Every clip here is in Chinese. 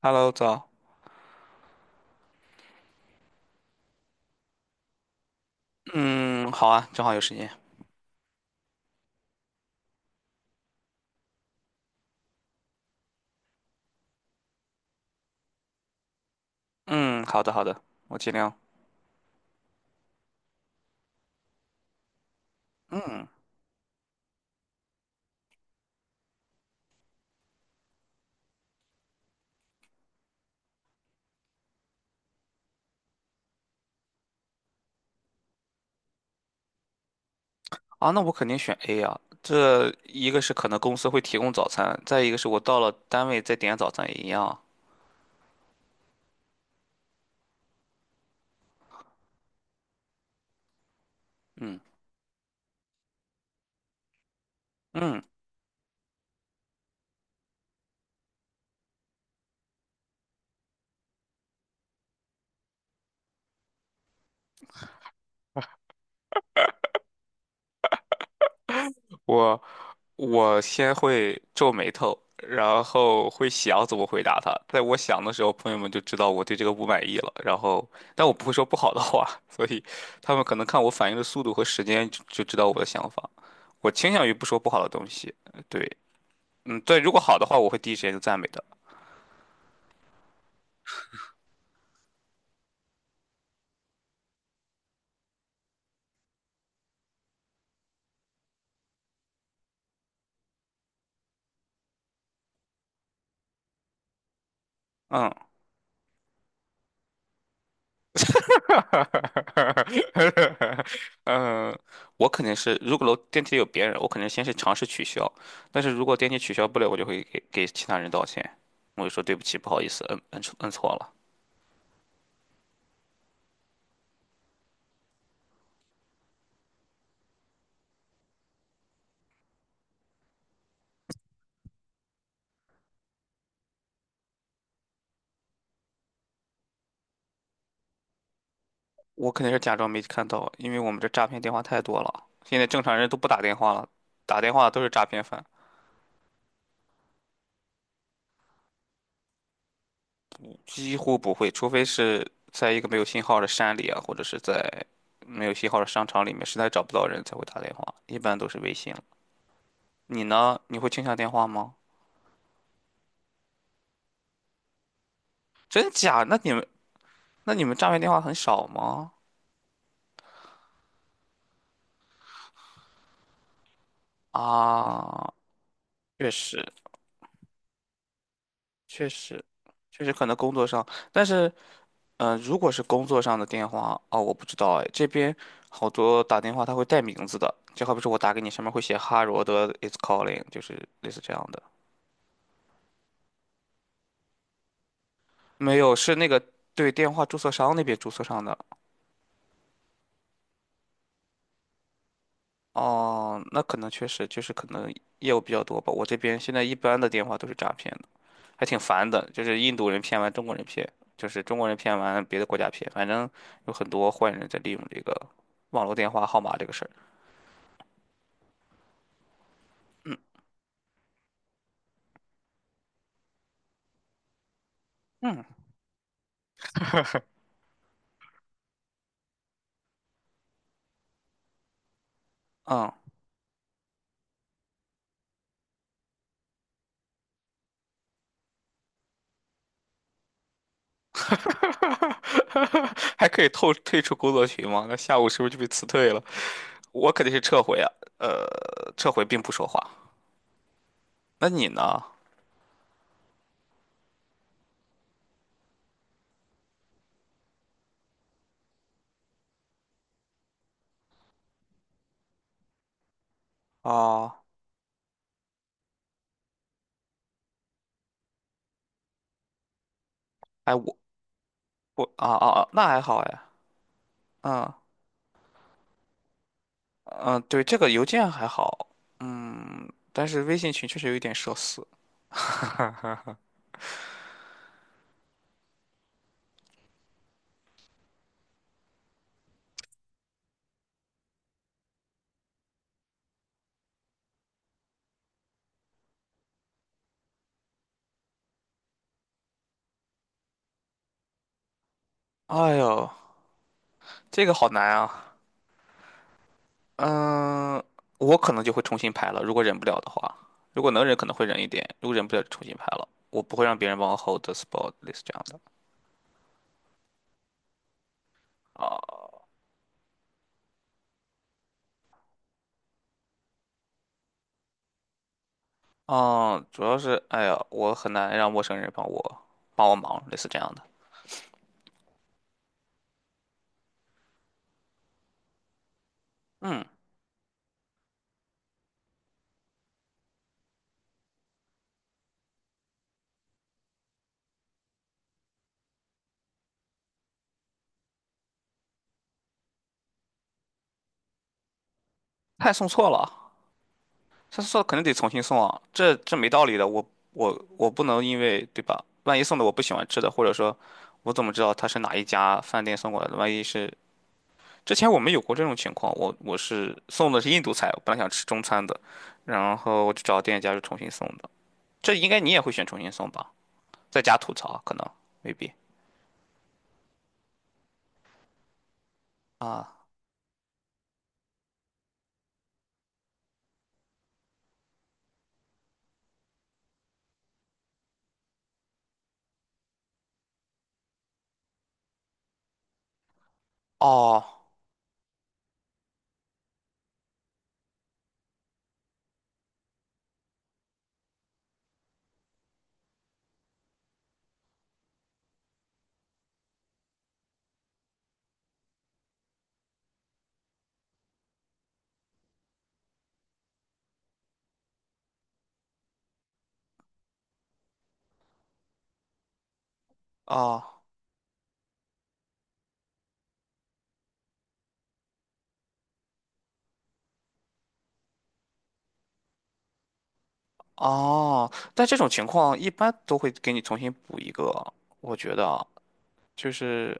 Hello，早。嗯，好啊，正好有时间。嗯，好的，好的，我尽量。嗯，啊，那我肯定选 A 啊。这一个是可能公司会提供早餐，再一个是我到了单位再点早餐也一样啊。嗯嗯，我我先会皱眉头，然后会想怎么回答他。在我想的时候，朋友们就知道我对这个不满意了。然后，但我不会说不好的话，所以他们可能看我反应的速度和时间就知道我的想法。我倾向于不说不好的东西，对，嗯，对，如果好的话，我会第一时间就赞美的。嗯。哈，哈，哈，哈，哈，哈，嗯，我肯定是，如果电梯里有别人，我肯定先是尝试取消。但是如果电梯取消不了，我就会给其他人道歉，我就说对不起，不好意思，摁错了。我肯定是假装没看到，因为我们这诈骗电话太多了，现在正常人都不打电话了，打电话都是诈骗犯，几乎不会，除非是在一个没有信号的山里啊，或者是在没有信号的商场里面，实在找不到人才会打电话，一般都是微信了。你呢？你会倾向电话吗？真假？那你们诈骗电话很少吗？啊，确实，确实，确实可能工作上，但是，嗯、如果是工作上的电话，哦，我不知道哎，这边好多打电话他会带名字的，就好比说我打给你，上面会写哈罗德 is calling，就是类似这样的。没有，是那个对电话注册商那边注册上的。哦，那可能确实就是可能业务比较多吧。我这边现在一般的电话都是诈骗还挺烦的，就是印度人骗完中国人骗，就是中国人骗完别的国家骗，反正有很多坏人在利用这个网络电话号码这个事儿。嗯嗯，还可以退出工作群吗？那下午是不是就被辞退了？我肯定是撤回啊，撤回并不说话。那你呢？啊，哎，我啊啊啊，那还好哎，嗯嗯，对，这个邮件还好，嗯，但是微信群确实有一点社死。哎呦，这个好难啊。嗯，我可能就会重新排了，如果忍不了的话，如果能忍可能会忍一点，如果忍不了就重新排了。我不会让别人帮我 hold the spot 类似这样的。啊，哦，主要是，哎呀，我很难让陌生人帮我忙，类似这样的。嗯，菜送错了，菜送错了肯定得重新送啊，这没道理的。我不能因为对吧？万一送的我不喜欢吃的，或者说我怎么知道他是哪一家饭店送过来的？万一是之前我们有过这种情况，我是送的是印度菜，我本来想吃中餐的，然后我就找店家就重新送的。这应该你也会选重新送吧？在家吐槽可能未必啊，哦哦哦，但这种情况一般都会给你重新补一个，我觉得啊就是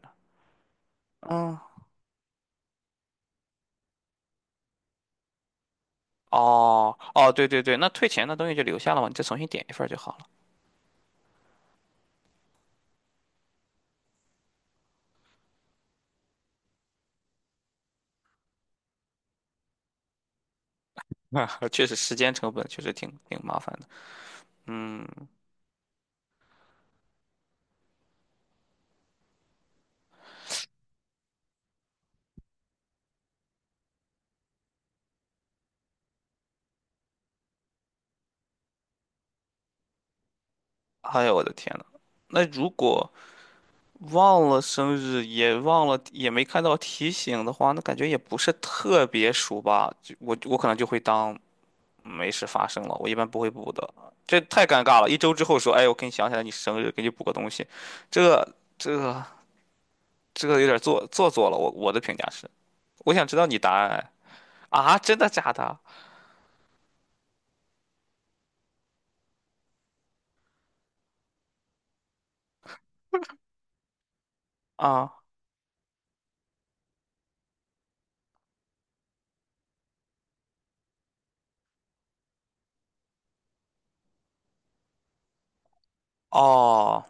嗯，哦哦，对对对，那退钱的东西就留下了嘛，你再重新点一份儿就好了。确实时间成本确实挺麻烦的，嗯，哎呦我的天呐，那如果忘了生日，也忘了，也没看到提醒的话，那感觉也不是特别熟吧。就我可能就会当没事发生了，我一般不会补的。这太尴尬了，一周之后说，哎，我给你想起来你生日，给你补个东西，这这这有点做作了。我的评价是，我想知道你答案。哎啊，真的假的？啊，哦。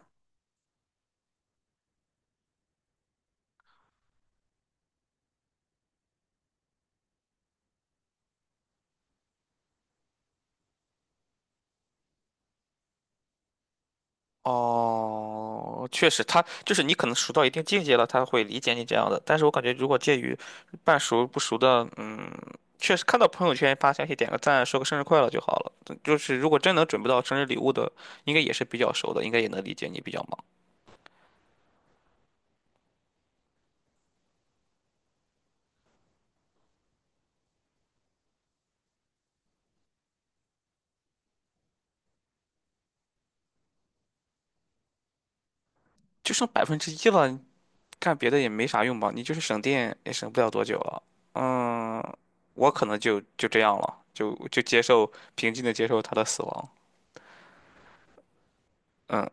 哦，确实，他就是你可能熟到一定境界了，他会理解你这样的。但是我感觉，如果介于半熟不熟的，嗯，确实看到朋友圈发消息点个赞，说个生日快乐就好了。就是如果真能准备到生日礼物的，应该也是比较熟的，应该也能理解你比较忙。就剩百分之一了，干别的也没啥用吧？你就是省电也省不了多久了。嗯，我可能就这样了，就接受平静的接受他的死亡。嗯。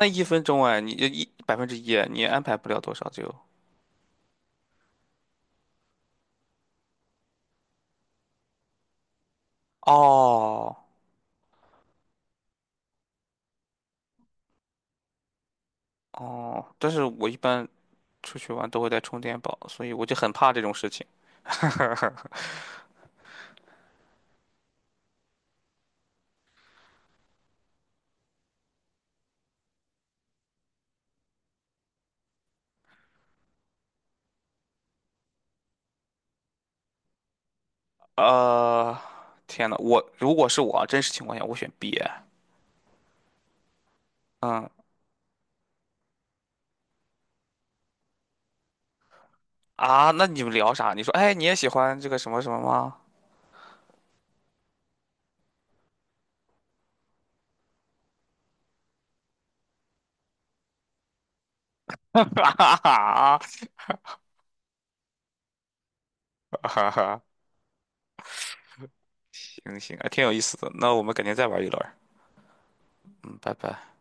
那一分钟哎，你一百分之一，你安排不了多少就。哦哦，但是我一般出去玩都会带充电宝，所以我就很怕这种事情。呃，天呐，我如果是我啊真实情况下，我选 B。嗯啊，那你们聊啥？你说，哎，你也喜欢这个什么什么吗？哈哈哈哈哈哈，行行，还挺有意思的。那我们改天再玩一轮儿。嗯，拜拜。